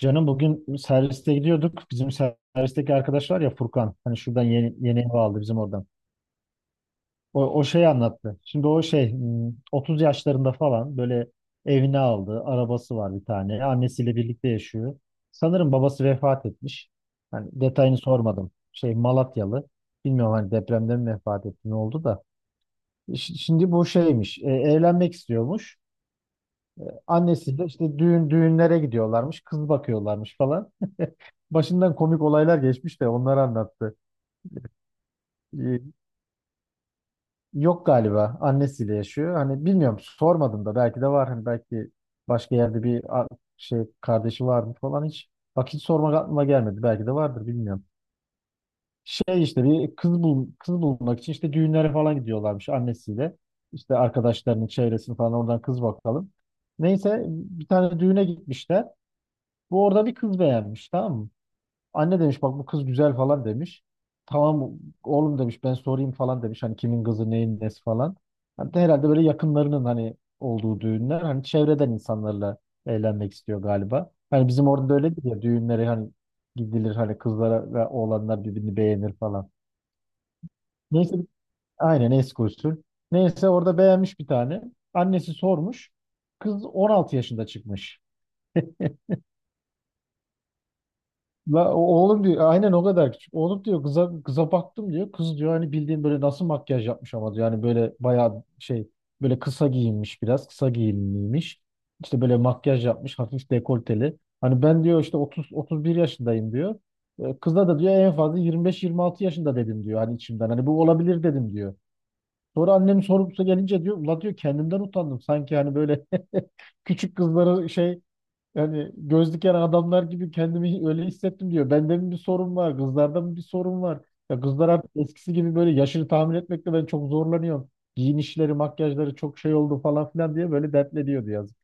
Canım bugün serviste gidiyorduk. Bizim servisteki arkadaş var ya, Furkan. Hani şuradan yeni ev aldı bizim oradan. O şeyi anlattı. Şimdi o şey 30 yaşlarında falan böyle evini aldı. Arabası var bir tane. Annesiyle birlikte yaşıyor. Sanırım babası vefat etmiş. Hani detayını sormadım. Şey, Malatyalı. Bilmiyorum, hani depremden mi vefat etti, ne oldu da. Şimdi bu şeymiş. Evlenmek istiyormuş. Annesiyle işte düğünlere gidiyorlarmış, kız bakıyorlarmış falan. Başından komik olaylar geçmiş de onları anlattı. Ee, Yok galiba, annesiyle yaşıyor. Hani bilmiyorum, sormadım da, belki de var. Hani belki başka yerde bir şey, kardeşi var mı falan, hiç. Bak, hiç sormak aklıma gelmedi. Belki de vardır, bilmiyorum. Şey, işte bir kız bul kız bulmak için işte düğünlere falan gidiyorlarmış annesiyle. İşte arkadaşlarının çevresini falan, oradan kız bakalım. Neyse, bir tane düğüne gitmişler. Bu orada bir kız beğenmiş, tamam mı? Anne demiş, bak bu kız güzel falan demiş. Tamam oğlum demiş, ben sorayım falan demiş. Hani kimin kızı, neyin nesi falan. Hani de herhalde böyle yakınlarının hani olduğu düğünler. Hani çevreden insanlarla eğlenmek istiyor galiba. Hani bizim orada da öyledir ya, düğünlere hani gidilir, hani kızlara ve oğlanlar birbirini beğenir falan. Neyse, aynen eski usul. Neyse, orada beğenmiş bir tane. Annesi sormuş. Kız 16 yaşında çıkmış. La, oğlum diyor, aynen o kadar küçük. Oğlum diyor, kıza baktım diyor. Kız diyor, hani bildiğin böyle nasıl makyaj yapmış ama diyor. Yani böyle bayağı şey, böyle kısa giyinmiş, biraz kısa giyinmiş. İşte böyle makyaj yapmış, hafif dekolteli. Hani ben diyor, işte 30 31 yaşındayım diyor. Kıza da diyor, en fazla 25-26 yaşında dedim diyor, hani içimden. Hani bu olabilir dedim diyor. Sonra annem sorumlusu gelince diyor, ula diyor, kendimden utandım. Sanki hani böyle küçük kızları şey, yani göz diken adamlar gibi kendimi öyle hissettim diyor. Bende mi bir sorun var? Kızlarda mı bir sorun var? Ya, kızlar artık eskisi gibi, böyle yaşını tahmin etmekte ben çok zorlanıyorum. Giyinişleri, makyajları çok şey oldu falan filan diye böyle dertleniyordu, yazık.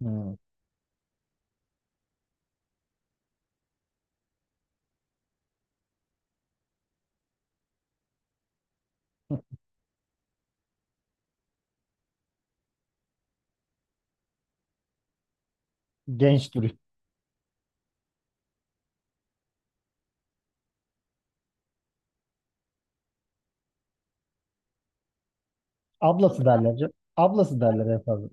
Hmm. Genç duruyor. Ablası derler. Ablası derler en fazla.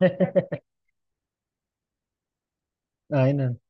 Aynen.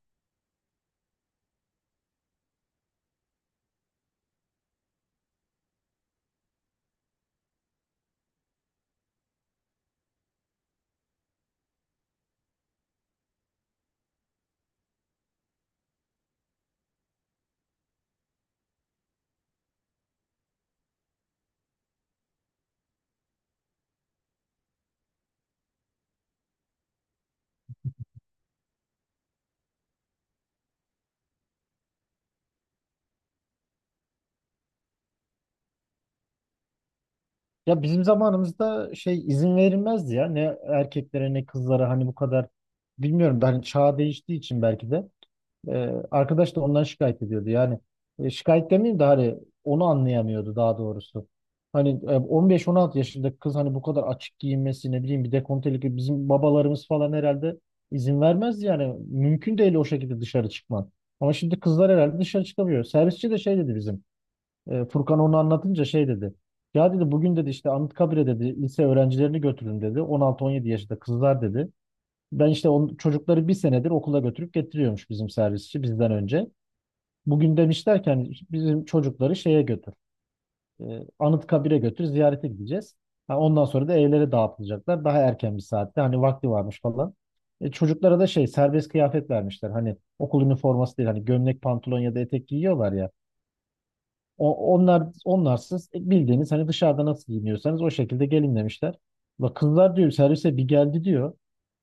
Ya bizim zamanımızda şey, izin verilmezdi ya. Ne erkeklere ne kızlara, hani bu kadar, bilmiyorum, ben çağ değiştiği için belki de. Arkadaş da ondan şikayet ediyordu. Yani şikayet demeyeyim de hani, onu anlayamıyordu daha doğrusu. Hani 15-16 yaşındaki kız hani bu kadar açık giyinmesi, ne bileyim, bir dekolteli gibi, bizim babalarımız falan herhalde izin vermez yani. Mümkün değil o şekilde dışarı çıkman. Ama şimdi kızlar herhalde dışarı çıkamıyor. Servisçi de şey dedi bizim. Furkan onu anlatınca şey dedi. Ya dedi, bugün dedi işte Anıtkabir'e dedi, lise öğrencilerini götürün dedi. 16-17 yaşında kızlar dedi. Ben işte çocukları bir senedir okula götürüp getiriyormuş bizim servisçi, bizden önce. Bugün demişler ki hani bizim çocukları şeye götür. E, Anıtkabir'e götür, ziyarete gideceğiz. Ha, ondan sonra da evlere dağıtılacaklar. Daha erken bir saatte hani, vakti varmış falan. Çocuklara da şey, serbest kıyafet vermişler. Hani okul üniforması değil, hani gömlek pantolon ya da etek giyiyorlar ya. Onlar onlarsız bildiğiniz hani dışarıda nasıl giyiniyorsanız o şekilde gelin demişler. Bak kızlar diyor, servise bir geldi diyor.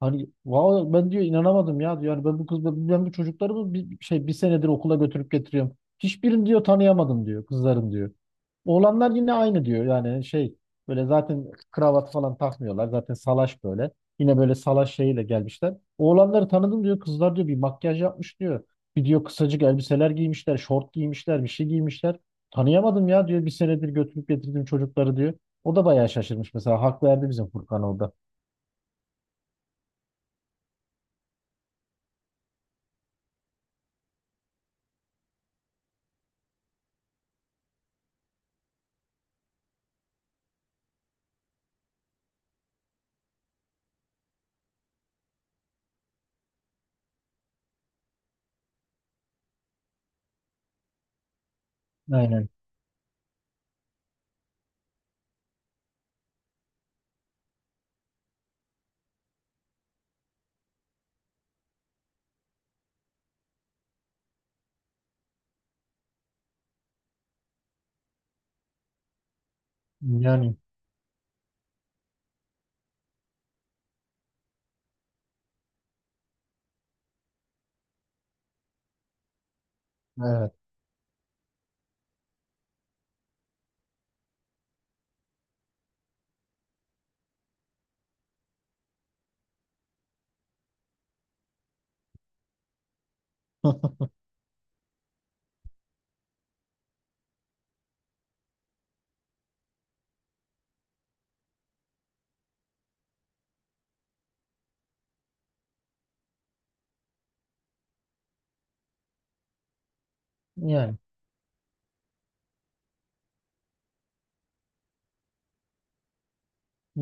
Hani wow, ben diyor inanamadım ya diyor. Yani ben bu çocukları bu bir, şey bir senedir okula götürüp getiriyorum. Hiçbirini diyor tanıyamadım diyor, kızların diyor. Oğlanlar yine aynı diyor. Yani şey, böyle zaten kravat falan takmıyorlar. Zaten salaş böyle. Yine böyle salaş şeyiyle gelmişler. Oğlanları tanıdım diyor. Kızlar diyor bir makyaj yapmış diyor. Bir diyor kısacık elbiseler giymişler, şort giymişler, bir şey giymişler. Tanıyamadım ya diyor, bir senedir götürüp getirdim çocukları diyor. O da bayağı şaşırmış mesela. Hak verdi bizim Furkan orada. Aynen. Yani evet. Yani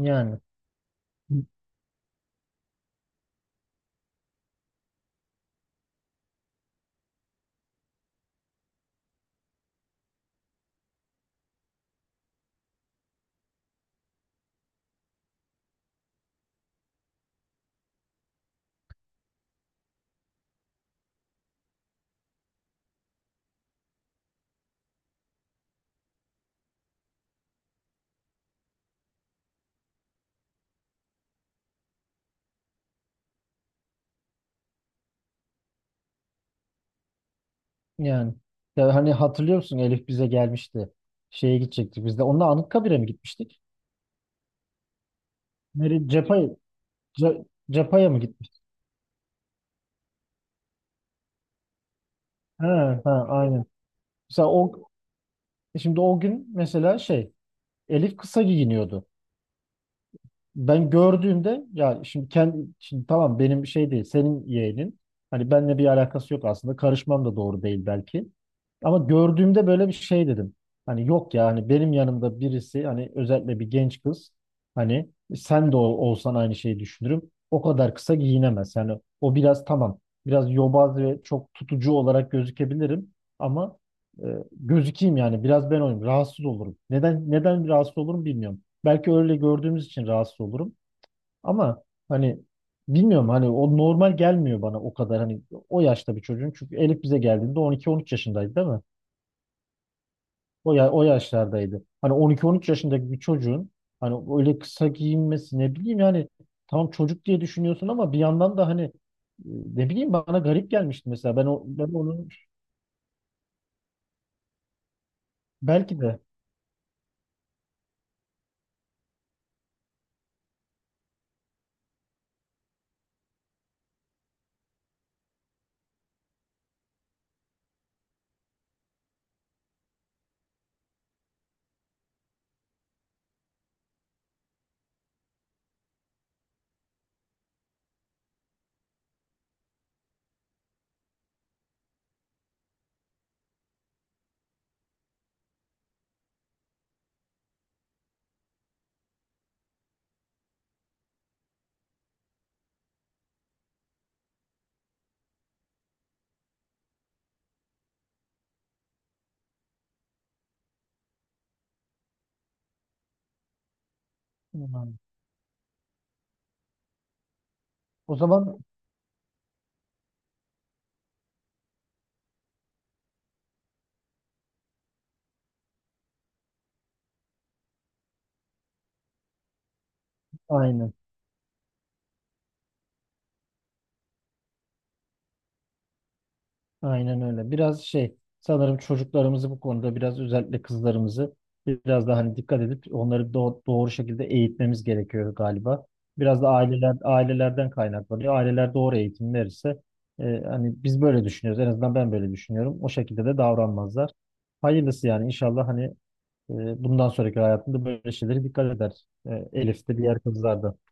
yani yani. Ya hani hatırlıyor musun, Elif bize gelmişti. Şeye gidecektik biz de. Onunla Anıtkabir'e mi gitmiştik? Nereye, Cepa'ya, Ce- Cepa'ya mı gitmiştik? Ha, ha, aynen. Mesela o, şimdi o gün mesela şey, Elif kısa giyiniyordu. Ben gördüğümde, ya şimdi kendi, şimdi tamam benim şey değil, senin yeğenin, hani benimle bir alakası yok, aslında karışmam da doğru değil belki, ama gördüğümde böyle bir şey dedim. Hani yok ya, hani benim yanımda birisi, hani özellikle bir genç kız, hani sen de olsan aynı şeyi düşünürüm, o kadar kısa giyinemez yani. O biraz, tamam, biraz yobaz ve çok tutucu olarak gözükebilirim ama, e, gözükeyim yani. Biraz ben oyum, rahatsız olurum, neden rahatsız olurum bilmiyorum. Belki öyle gördüğümüz için rahatsız olurum. Ama hani bilmiyorum, hani o normal gelmiyor bana o kadar, hani o yaşta bir çocuğun. Çünkü Elif bize geldiğinde 12-13 yaşındaydı değil mi? O, ya, o yaşlardaydı. Hani 12-13 yaşındaki bir çocuğun hani öyle kısa giyinmesi, ne bileyim yani, tam çocuk diye düşünüyorsun ama bir yandan da hani ne bileyim, bana garip gelmişti mesela. Ben onu, belki de. Hmm. O zaman aynı. Aynen öyle. Biraz şey, sanırım çocuklarımızı bu konuda biraz, özellikle kızlarımızı biraz daha hani dikkat edip onları doğru şekilde eğitmemiz gerekiyor galiba. Biraz da ailelerden kaynaklanıyor. Aileler doğru eğitim verirse hani biz böyle düşünüyoruz. En azından ben böyle düşünüyorum. O şekilde de davranmazlar. Hayırlısı yani, inşallah hani bundan sonraki hayatında böyle şeylere dikkat eder. Elif de, diğer kızlar da.